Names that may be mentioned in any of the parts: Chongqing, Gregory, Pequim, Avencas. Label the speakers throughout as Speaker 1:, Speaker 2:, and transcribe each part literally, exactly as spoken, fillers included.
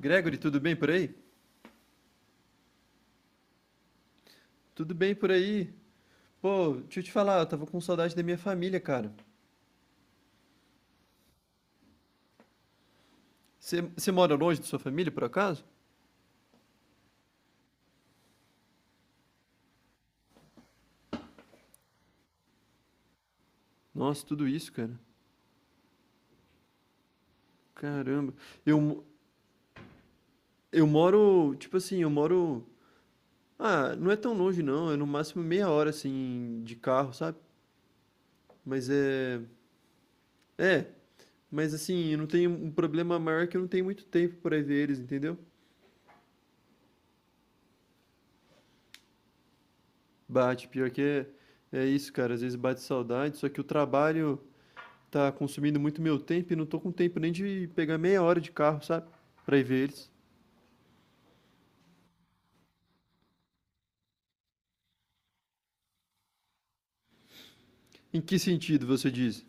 Speaker 1: Gregory, tudo bem por aí? Tudo bem por aí. Pô, deixa eu te falar, eu tava com saudade da minha família, cara. Você mora longe da sua família, por acaso? Nossa, tudo isso, cara. Caramba. Eu, mo- eu moro, tipo assim, eu moro. Ah, não é tão longe, não. É no máximo meia hora, assim, de carro, sabe? Mas é. É, mas assim, eu não tenho um problema maior é que eu não tenho muito tempo pra ver eles, entendeu? Bate, pior que é, é isso, cara. Às vezes bate saudade, só que o trabalho. tá consumindo muito meu tempo e não tô com tempo nem de pegar meia hora de carro, sabe? Pra ir ver eles. Em que sentido você diz?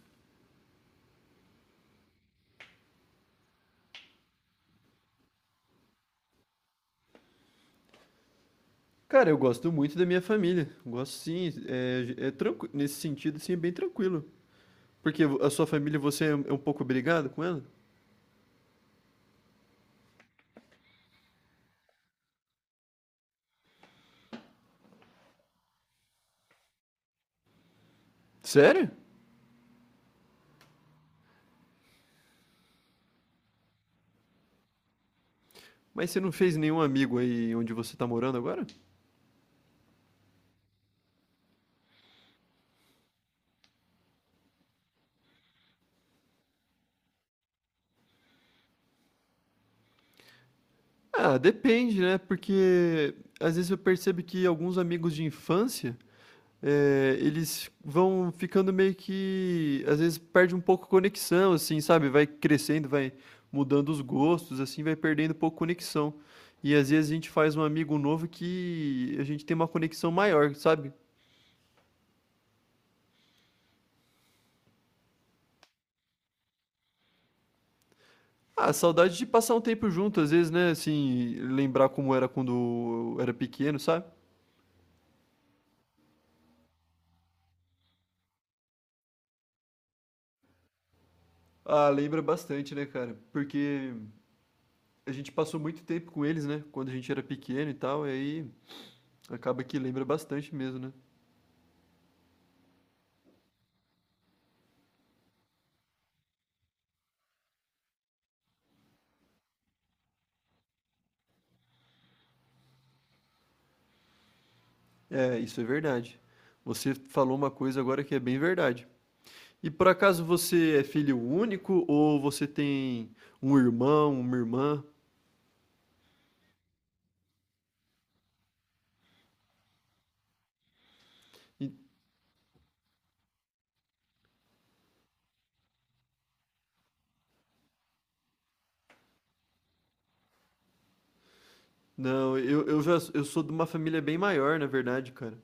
Speaker 1: Cara, eu gosto muito da minha família. Gosto sim, é, é tranqui- nesse sentido, sim, é bem tranquilo. Porque a sua família, você é é um pouco brigado com ela? Sério? Mas você não fez nenhum amigo aí onde você tá morando agora? Ah, depende, né? Porque às vezes eu percebo que alguns amigos de infância Eh, eles vão ficando meio que às vezes perde um pouco a conexão, assim, sabe, vai crescendo, vai mudando os gostos, assim, vai perdendo um pouco a conexão. E às vezes a gente faz um amigo novo que a gente tem uma conexão maior, sabe? Ah, saudade de passar um tempo junto, às vezes, né, assim, lembrar como era quando eu era pequeno, sabe? Ah, lembra bastante, né, cara? Porque a gente passou muito tempo com eles, né, quando a gente era pequeno e tal, e aí acaba que lembra bastante mesmo, né? É, isso é verdade. Você falou uma coisa agora que é bem verdade. E por acaso você é filho único ou você tem um irmão, uma irmã? E- Não, eu, eu já eu sou de uma família bem maior, na verdade, cara.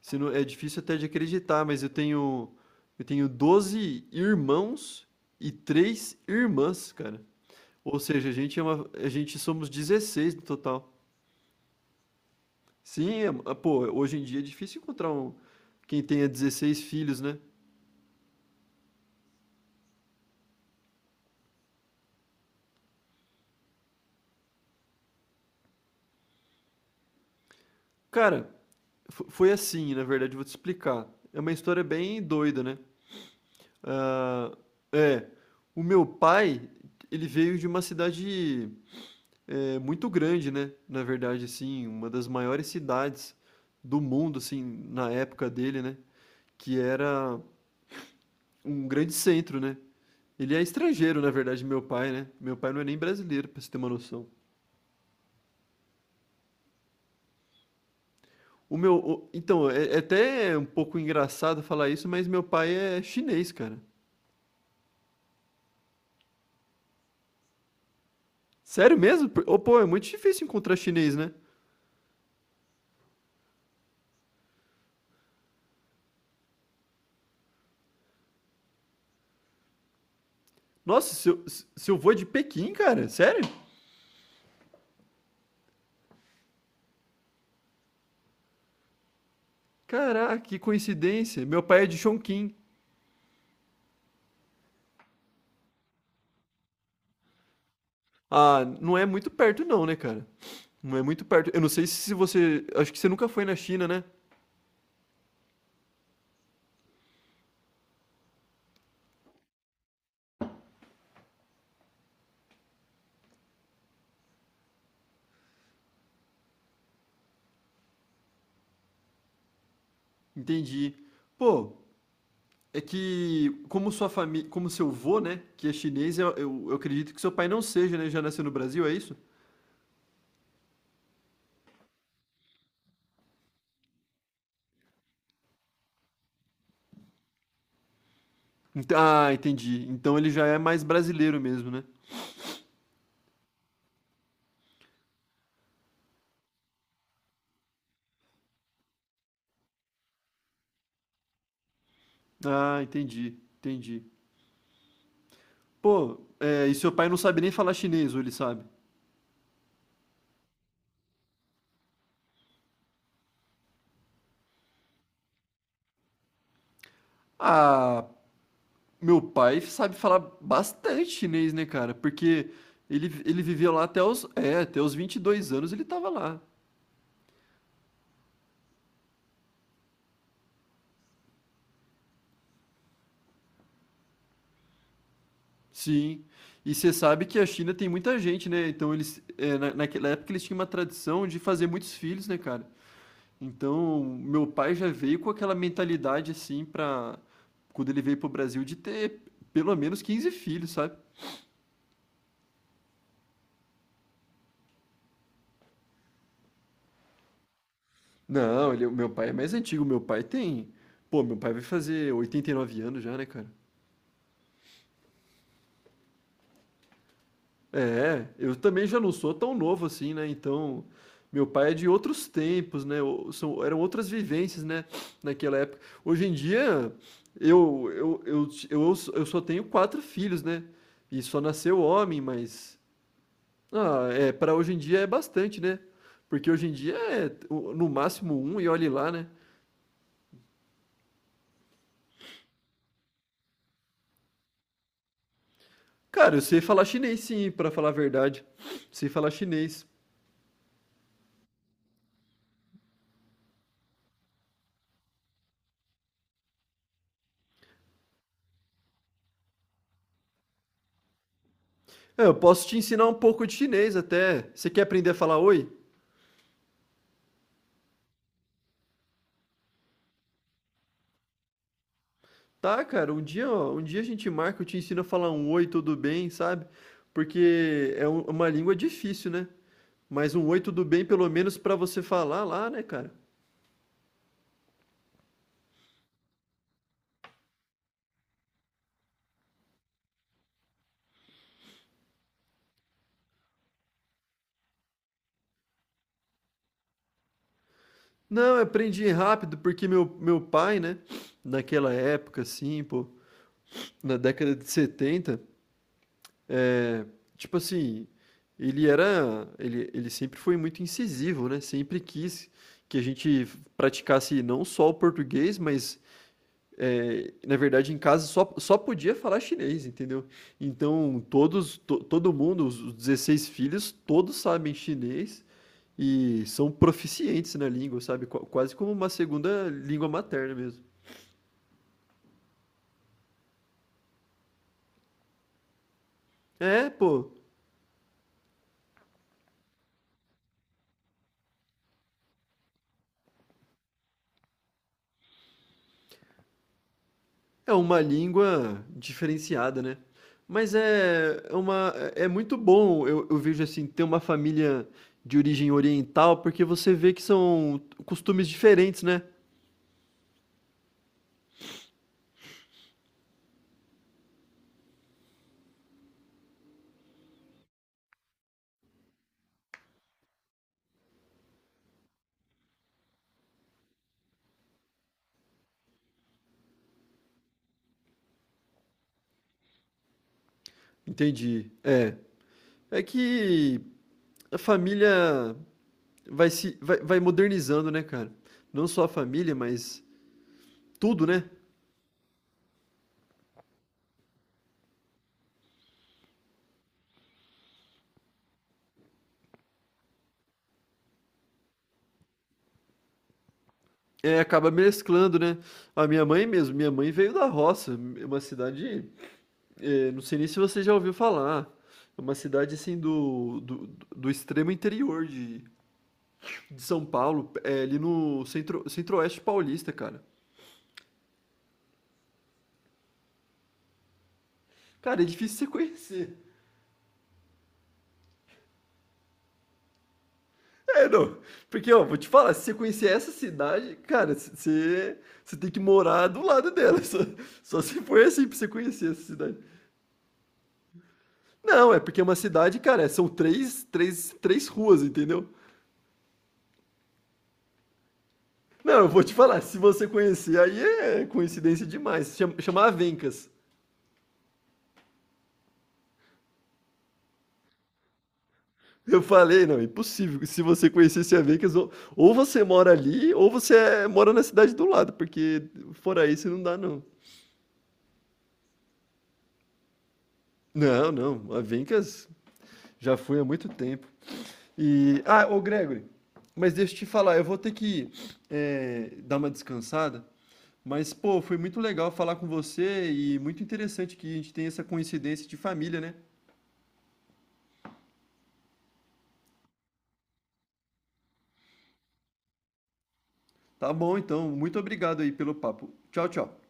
Speaker 1: Se não- É difícil até de acreditar, mas eu tenho eu tenho doze irmãos e três irmãs, cara. Ou seja, a gente é uma, a gente somos dezesseis no total. Sim, é- pô, hoje em dia é difícil encontrar um quem tenha dezesseis filhos, né? Cara, Fo- Foi assim, na verdade, vou te explicar. É uma história bem doida, né? Ah, é, o meu pai, ele veio de uma cidade é, muito grande, né? Na verdade, assim, uma das maiores cidades do mundo, assim, na época dele, né? Que era um grande centro, né? Ele é estrangeiro, na verdade, meu pai, né? Meu pai não é nem brasileiro, pra você ter uma noção. O meu, o- então, é é até um pouco engraçado falar isso, mas meu pai é chinês, cara. Sério mesmo? Por- Ô, pô, é muito difícil encontrar chinês, né? Nossa, seu, seu vô é de Pequim, cara? Sério? Caraca, que coincidência. Meu pai é de Chongqing. Ah, não é muito perto não, né, cara? Não é muito perto. Eu não sei se você... Acho que você nunca foi na China, né? Entendi. Pô, é que como sua família... Como seu vô, né, que é chinês, eu, eu, eu acredito que seu pai não seja, né? Já nasceu no Brasil, é isso? Ent- Ah, entendi. Então ele já é mais brasileiro mesmo, né? Ah, entendi. Entendi. Pô, é, e seu pai não sabe nem falar chinês, ou ele sabe? Ah, meu pai sabe falar bastante chinês, né, cara? Porque ele, ele viveu lá até os, é, até os vinte e dois anos ele tava lá. Sim. E você sabe que a China tem muita gente, né? Então eles, é, na, naquela época eles tinham uma tradição de fazer muitos filhos, né, cara? Então, meu pai já veio com aquela mentalidade assim pra, quando ele veio pro Brasil de ter pelo menos quinze filhos, sabe? Não, ele, o meu pai é mais antigo. Meu pai tem. Pô, meu pai vai fazer oitenta e nove anos já, né, cara? É, eu também já não sou tão novo assim, né? Então, meu pai é de outros tempos, né? o- São, eram outras vivências, né? Naquela época. Hoje em dia, eu, eu, eu, eu, eu só tenho quatro filhos, né? E só nasceu homem, mas. Ah, é, para hoje em dia é bastante, né? Porque hoje em dia é o- no máximo um e olhe lá, né? Cara, eu sei falar chinês sim, pra falar a verdade. Sei falar chinês. É, eu posso te ensinar um pouco de chinês até. Você quer aprender a falar oi? Tá, cara, um dia, ó, um dia a gente marca, eu te ensino a falar um oi, tudo bem, sabe? Porque é um- uma língua difícil, né? Mas um oi, tudo bem, pelo menos pra você falar lá, né, cara? Não, eu aprendi rápido porque meu, meu pai, né, naquela época, assim, pô, na década de setenta. É, tipo assim, ele era, ele, ele sempre foi muito incisivo, né? Sempre quis que a gente praticasse não só o português, mas é, na verdade em casa só, só podia falar chinês, entendeu? Então todos, to- todo mundo, os os dezesseis filhos, todos sabem chinês e são proficientes na língua, sabe? Qu- Quase como uma segunda língua materna mesmo. É, pô. É uma língua diferenciada, né. Mas é é uma É muito bom, eu eu vejo, assim, ter uma família de origem oriental, porque você vê que são costumes diferentes, né. Entendi. É. É que a família vai se vai vai modernizando, né, cara. Não só a família, mas tudo, né. É, acaba mesclando, né. A minha mãe mesmo, minha mãe veio da roça, uma cidade. É, não sei nem se você já ouviu falar. É uma cidade assim do, do, do extremo interior de, de São Paulo, é ali no centro, centro-oeste paulista, cara. Cara, é difícil você conhecer. É, não. Porque, ó, vou te falar, se você conhecer essa cidade, cara, c- você, você tem que morar do lado dela. Só, só se for assim pra você conhecer essa cidade. Não, é porque é uma cidade, cara, são três, três, três ruas, entendeu? Não, eu vou te falar, se você conhecer, aí é coincidência demais. Chama, chama Avencas. Eu falei, não, impossível. Se você conhecesse a Vegas, ou, ou, você mora ali, ou você é- mora na cidade do lado, porque fora isso não dá, não. Não, não, a Vegas já fui há muito tempo. E, ah, ô Gregory, mas deixa eu te falar, eu vou ter que eh, dar uma descansada, mas, pô, foi muito legal falar com você e muito interessante que a gente tem essa coincidência de família, né? Tá bom, então, muito obrigado aí pelo papo. Tchau, tchau.